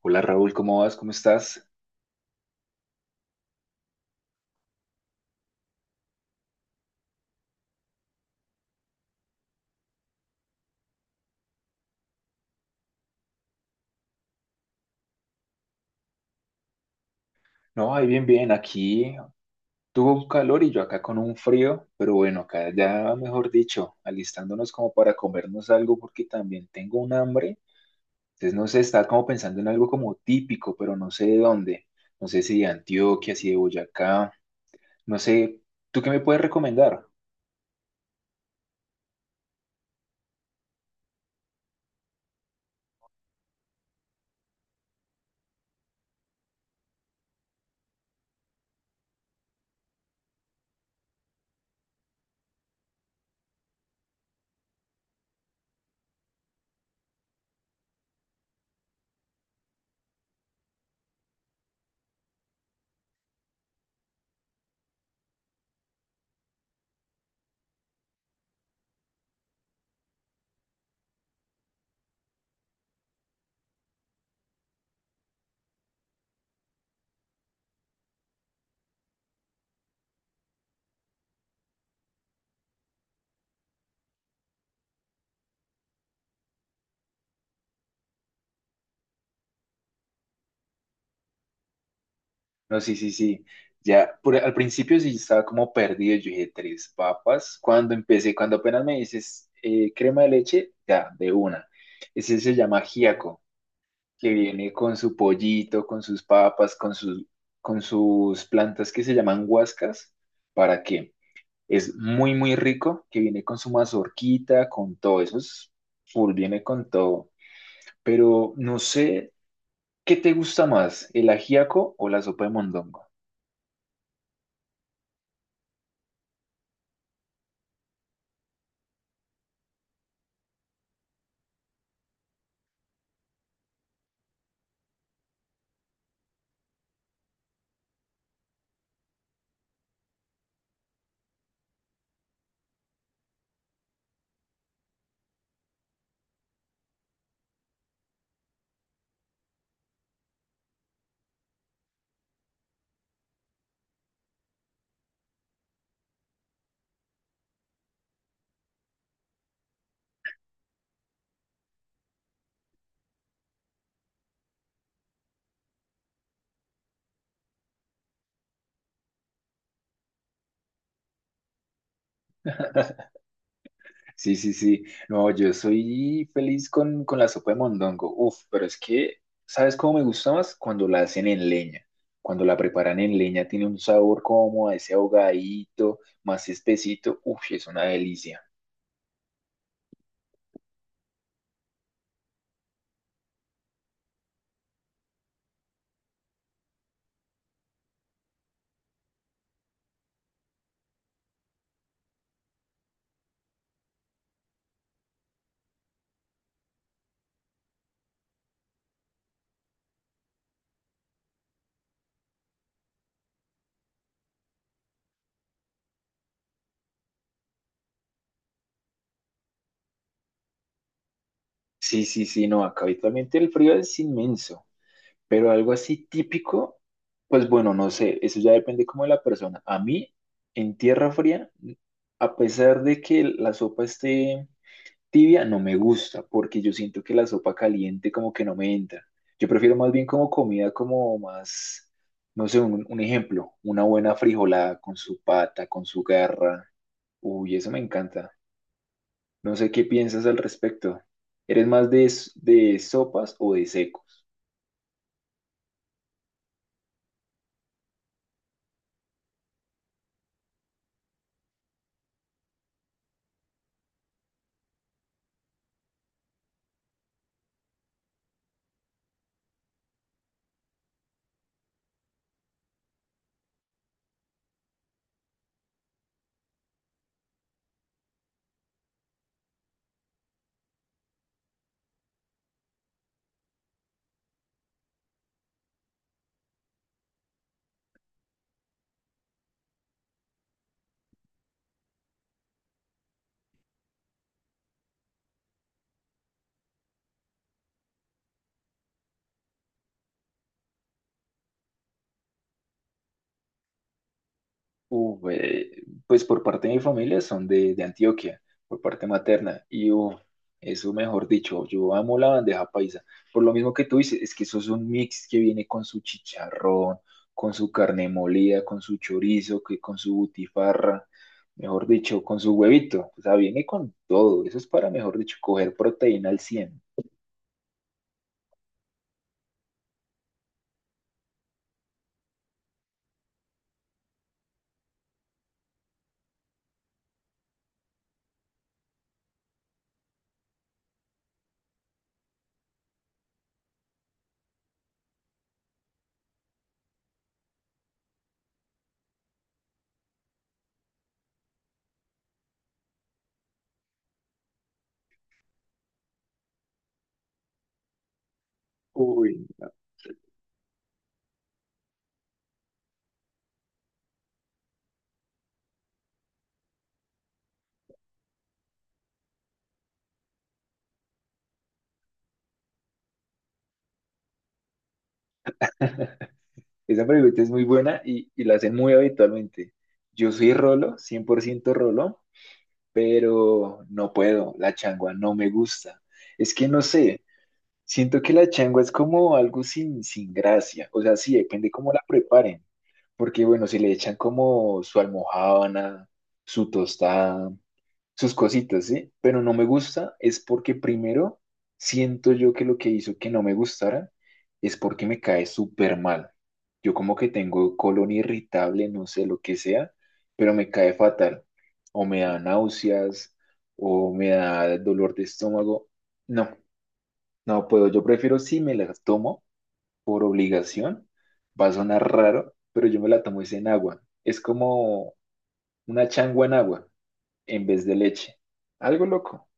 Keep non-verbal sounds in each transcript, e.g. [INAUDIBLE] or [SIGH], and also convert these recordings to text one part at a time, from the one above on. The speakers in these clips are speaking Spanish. Hola Raúl, ¿cómo vas? ¿Cómo estás? No, ahí bien, bien. Aquí tuvo un calor y yo acá con un frío, pero bueno, acá ya, mejor dicho, alistándonos como para comernos algo porque también tengo un hambre. Entonces, no sé, estaba como pensando en algo como típico, pero no sé de dónde. No sé si de Antioquia, si de Boyacá, no sé. ¿Tú qué me puedes recomendar? No, sí, sí, sí. Ya, al principio sí estaba como perdido. Yo dije, tres papas. Cuando empecé, cuando apenas me dices crema de leche, ya, de una. Ese se llama ajiaco, que viene con su pollito, con sus papas, con sus plantas que se llaman huascas. ¿Para qué? Es muy, muy rico, que viene con su mazorquita, con todo eso. Es full, viene con todo. Pero no sé, ¿qué te gusta más, el ajiaco o la sopa de mondongo? Sí, sí, sí. No, yo soy feliz con la sopa de mondongo. Uf, pero es que, ¿sabes cómo me gusta más? Cuando la hacen en leña. Cuando la preparan en leña tiene un sabor como a ese ahogadito, más espesito. Uf, es una delicia. Sí, sí, sí, no, acá habitualmente el frío es inmenso, pero algo así típico, pues bueno, no sé, eso ya depende como de la persona. A mí, en tierra fría, a pesar de que la sopa esté tibia no me gusta porque yo siento que la sopa caliente como que no me entra. Yo prefiero más bien como comida como más, no sé, un ejemplo, una buena frijolada con su pata, con su garra. Uy, eso me encanta. No sé qué piensas al respecto. ¿Eres más de, de sopas o de secos? Uf, pues por parte de mi familia son de Antioquia, por parte materna. Y uf, eso mejor dicho, yo amo la bandeja paisa. Por lo mismo que tú dices, es que eso es un mix que viene con su chicharrón, con su carne molida, con su chorizo, que con su butifarra, mejor dicho, con su huevito. O sea, viene con todo. Eso es para, mejor dicho, coger proteína al 100. Uy, no. [LAUGHS] Esa pregunta es muy buena y la hacen muy habitualmente. Yo soy Rolo, 100% Rolo, pero no puedo, la changua no me gusta. Es que no sé, siento que la changua es como algo sin, sin gracia, o sea, sí, depende cómo la preparen, porque bueno, si le echan como su almojábana, su tostada, sus cositas, ¿sí? Pero no me gusta es porque primero siento yo que lo que hizo que no me gustara es porque me cae súper mal. Yo como que tengo colon irritable, no sé lo que sea, pero me cae fatal. O me da náuseas, o me da dolor de estómago. No, no puedo. Yo prefiero si me la tomo por obligación. Va a sonar raro, pero yo me la tomo es en agua. Es como una changua en agua en vez de leche. Algo loco.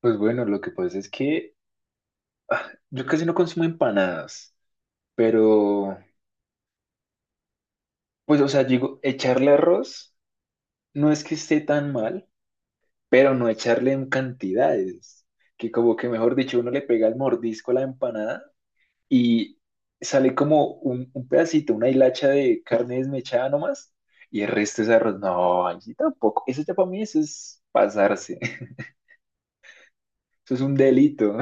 Pues bueno, lo que pasa es que yo casi no consumo empanadas, pero pues o sea, digo, echarle arroz no es que esté tan mal, pero no echarle en cantidades, que como que mejor dicho, uno le pega el mordisco a la empanada y sale como un pedacito, una hilacha de carne desmechada nomás, y el resto es arroz. No, allí tampoco. Eso ya para mí eso es pasarse. [LAUGHS] Eso es un delito,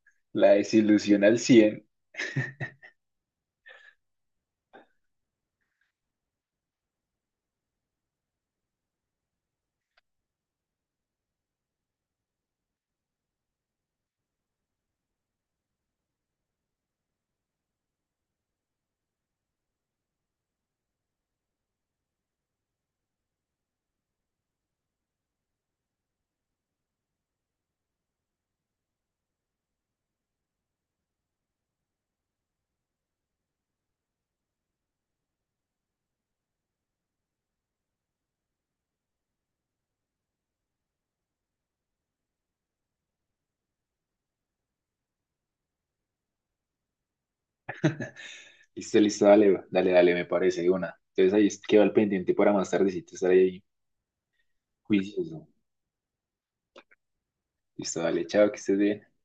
[LAUGHS] la desilusión al 100. Listo, listo, dale, dale, dale, me parece, de una. Entonces ahí queda el pendiente para más tardecito estar ahí juicioso. Listo, dale, chao, que estés bien.